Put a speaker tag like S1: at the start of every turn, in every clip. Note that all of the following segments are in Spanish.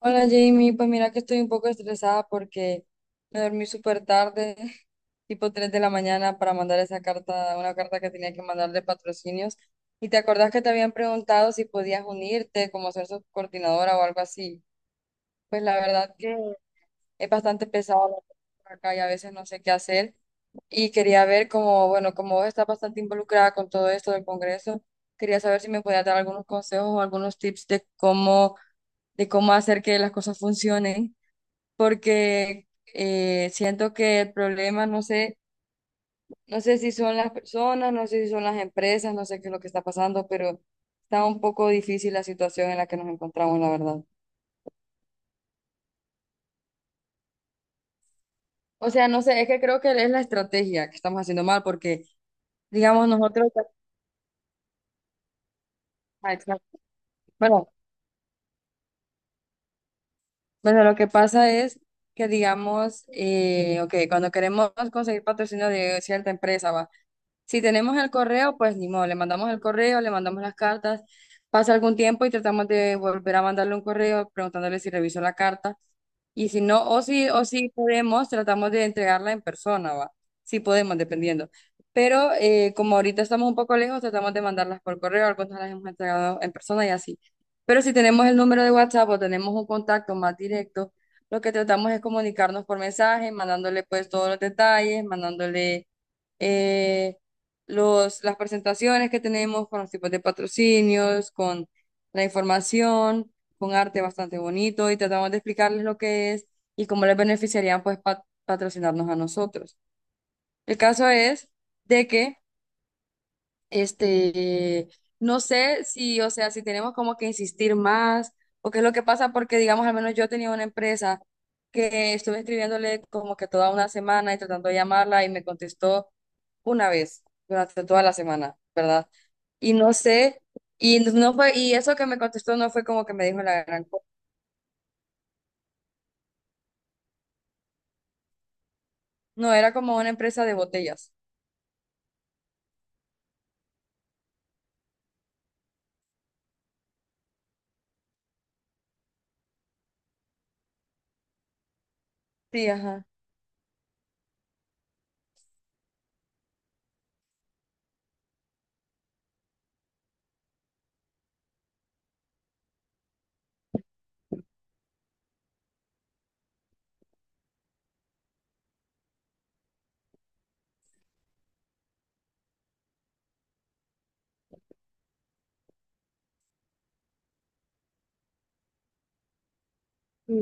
S1: Hola Jamie, pues mira que estoy un poco estresada porque me dormí súper tarde, tipo 3 de la mañana, para mandar esa carta, una carta que tenía que mandar de patrocinios. Y te acordás que te habían preguntado si podías unirte, como ser subcoordinadora o algo así. Pues la verdad que es bastante pesado la cosa por acá y a veces no sé qué hacer. Y quería ver como, bueno, como vos estás bastante involucrada con todo esto del Congreso, quería saber si me podías dar algunos consejos o algunos tips de cómo hacer que las cosas funcionen porque siento que el problema, no sé, no sé si son las personas, no sé si son las empresas, no sé qué es lo que está pasando, pero está un poco difícil la situación en la que nos encontramos, la verdad. O sea, no sé, es que creo que es la estrategia que estamos haciendo mal, porque, digamos, nosotros, ah, exacto. bueno, bueno, lo que pasa es que, digamos, ok, cuando queremos conseguir patrocinio de cierta empresa, va. Si tenemos el correo, pues ni modo, le mandamos el correo, le mandamos las cartas, pasa algún tiempo y tratamos de volver a mandarle un correo preguntándole si revisó la carta. Y si no, o si podemos, tratamos de entregarla en persona, ¿va? Si podemos, dependiendo. Pero como ahorita estamos un poco lejos, tratamos de mandarlas por correo, algunas las hemos entregado en persona y así. Pero si tenemos el número de WhatsApp o tenemos un contacto más directo, lo que tratamos es comunicarnos por mensaje, mandándole pues todos los detalles, mandándole eh, los, las presentaciones que tenemos con los tipos de patrocinios, con la información, con arte bastante bonito y tratamos de explicarles lo que es y cómo les beneficiarían pues patrocinarnos a nosotros. El caso es de que este, no sé si, o sea, si tenemos como que insistir más o qué es lo que pasa, porque digamos, al menos yo tenía una empresa que estuve escribiéndole como que toda una semana y tratando de llamarla y me contestó una vez durante toda la semana, ¿verdad? Y no sé, y no fue, y eso que me contestó no fue como que me dijo la gran cosa, no, era como una empresa de botellas. Sí, ajá. Sí,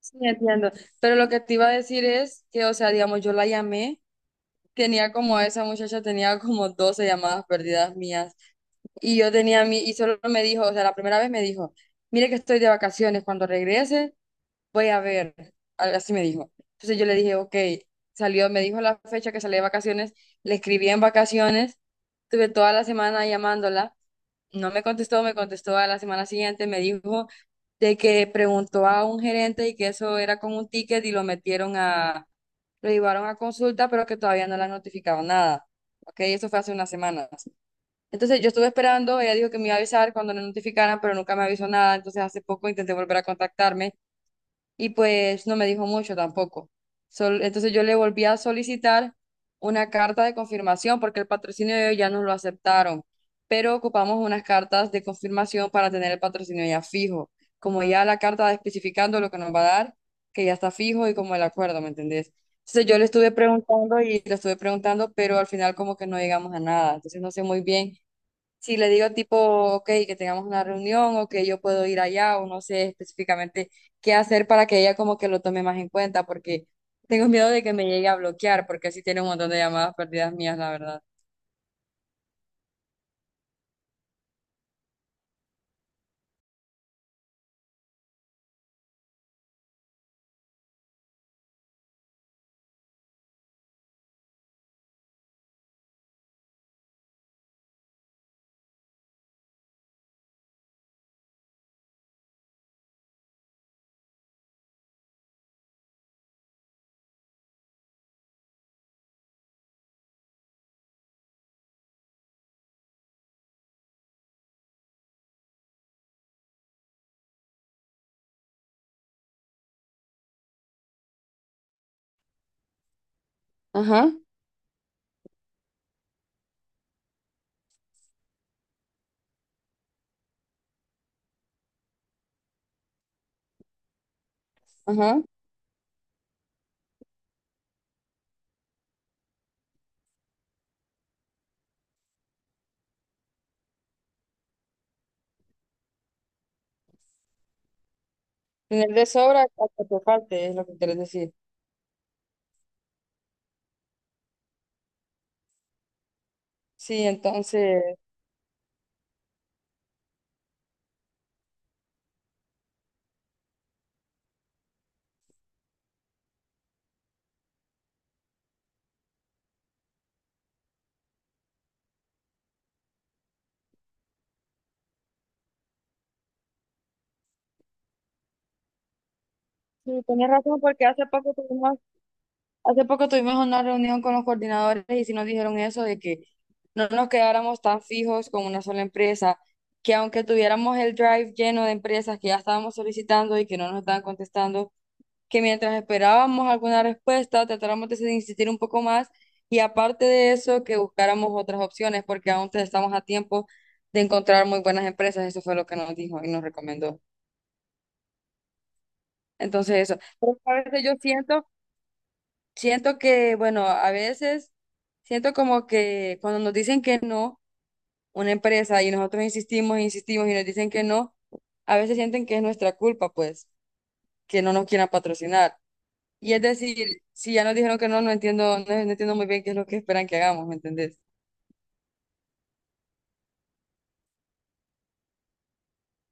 S1: sí, entiendo. Pero lo que te iba a decir es que, o sea, digamos, yo la llamé. Tenía como esa muchacha tenía como 12 llamadas perdidas mías y yo tenía mi y solo me dijo, o sea, la primera vez me dijo, "Mire que estoy de vacaciones, cuando regrese voy a ver." Algo así me dijo. Entonces yo le dije, ok, salió, me dijo la fecha que salí de vacaciones, le escribí en vacaciones, estuve toda la semana llamándola, no me contestó, me contestó a la semana siguiente, me dijo de que preguntó a un gerente y que eso era con un ticket y lo metieron a lo llevaron a consulta, pero que todavía no le han notificado nada. ¿Ok? Eso fue hace unas semanas. Entonces yo estuve esperando, ella dijo que me iba a avisar cuando le notificaran, pero nunca me avisó nada. Entonces hace poco intenté volver a contactarme y pues no me dijo mucho tampoco. Entonces yo le volví a solicitar una carta de confirmación porque el patrocinio de ellos ya nos lo aceptaron, pero ocupamos unas cartas de confirmación para tener el patrocinio ya fijo, como ya la carta especificando lo que nos va a dar, que ya está fijo y como el acuerdo, ¿me entendés? Entonces yo le estuve preguntando y le estuve preguntando, pero al final como que no llegamos a nada, entonces no sé muy bien si le digo tipo, ok, que tengamos una reunión o que yo puedo ir allá o no sé específicamente qué hacer para que ella como que lo tome más en cuenta porque tengo miedo de que me llegue a bloquear porque así tiene un montón de llamadas perdidas mías, la verdad. Ajá, ajá. Tener de sobra hasta que te falte es lo que quieres decir. Sí, entonces, sí, tienes razón porque Hace poco tuvimos una reunión con los coordinadores y sí nos dijeron eso de que no nos quedáramos tan fijos con una sola empresa, que aunque tuviéramos el drive lleno de empresas que ya estábamos solicitando y que no nos estaban contestando, que mientras esperábamos alguna respuesta tratáramos de insistir un poco más y aparte de eso que buscáramos otras opciones porque aún estamos a tiempo de encontrar muy buenas empresas, eso fue lo que nos dijo y nos recomendó. Entonces eso, pero a veces yo siento siento que, bueno, a veces siento como que cuando nos dicen que no, una empresa y nosotros insistimos, insistimos y nos dicen que no, a veces sienten que es nuestra culpa, pues, que no nos quieran patrocinar. Y es decir, si ya nos dijeron que no, no entiendo, no entiendo muy bien qué es lo que esperan que hagamos, ¿me entendés?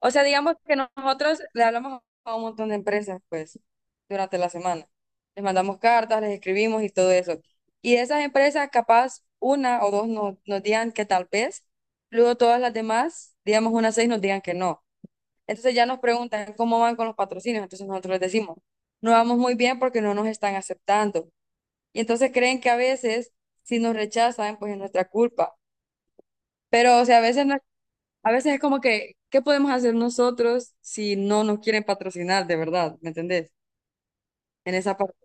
S1: O sea, digamos que nosotros le hablamos a un montón de empresas, pues, durante la semana. Les mandamos cartas, les escribimos y todo eso. Y de esas empresas, capaz una o dos nos digan que tal vez, luego todas las demás, digamos unas seis, nos digan que no. Entonces ya nos preguntan cómo van con los patrocinios. Entonces nosotros les decimos, no vamos muy bien porque no nos están aceptando. Y entonces creen que a veces, si nos rechazan, pues es nuestra culpa. Pero, o sea, a veces no a veces es como que, ¿qué podemos hacer nosotros si no nos quieren patrocinar de verdad? ¿Me entendés? En esa parte.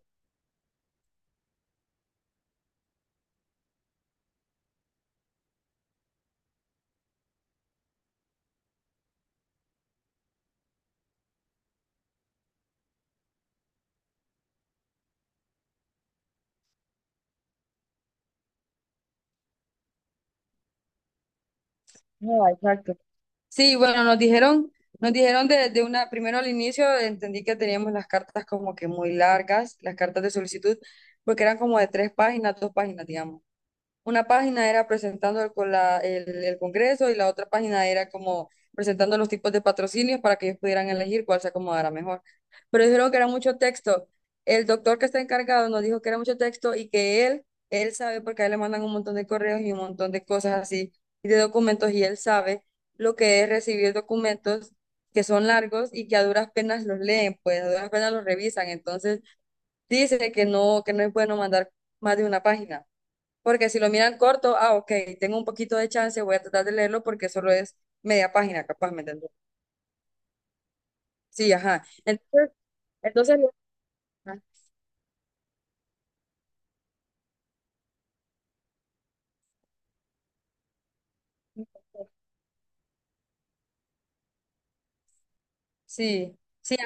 S1: No, exacto. Sí, bueno, nos dijeron de, una, primero al inicio entendí que teníamos las cartas como que muy largas, las cartas de solicitud, porque eran como de tres páginas, dos páginas, digamos. Una página era presentando el Congreso y la otra página era como presentando los tipos de patrocinios para que ellos pudieran elegir cuál se acomodara mejor. Pero dijeron que era mucho texto. El doctor que está encargado nos dijo que era mucho texto y que él sabe porque a él le mandan un montón de correos y un montón de cosas así y de documentos y él sabe lo que es recibir documentos que son largos y que a duras penas los leen, pues a duras penas los revisan. Entonces dice que no es bueno mandar más de una página. Porque si lo miran corto, ah, ok, tengo un poquito de chance, voy a tratar de leerlo porque solo es media página, capaz, ¿me entiendes? Sí, ajá. Entonces, entonces, ajá, sí, sí.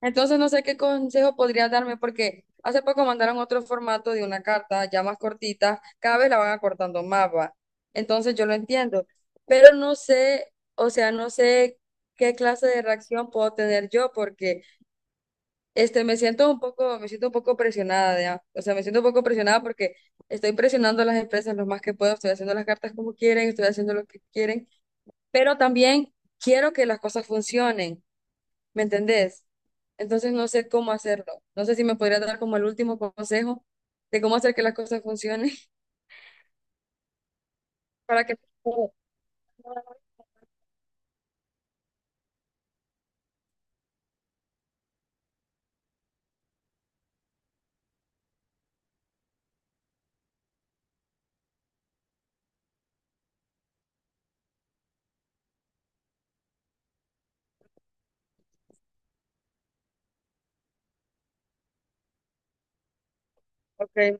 S1: Entonces no sé qué consejo podrías darme porque hace poco mandaron otro formato de una carta ya más cortita, cada vez la van acortando más, va. Entonces yo lo entiendo, pero no sé, o sea, no sé qué clase de reacción puedo tener yo porque me siento un poco, presionada ya. O sea, me siento un poco presionada porque estoy presionando a las empresas lo más que puedo, estoy haciendo las cartas como quieren, estoy haciendo lo que quieren, pero también quiero que las cosas funcionen, ¿me entendés? Entonces no sé cómo hacerlo. No sé si me podría dar como el último consejo de cómo hacer que las cosas funcionen para que... Ok,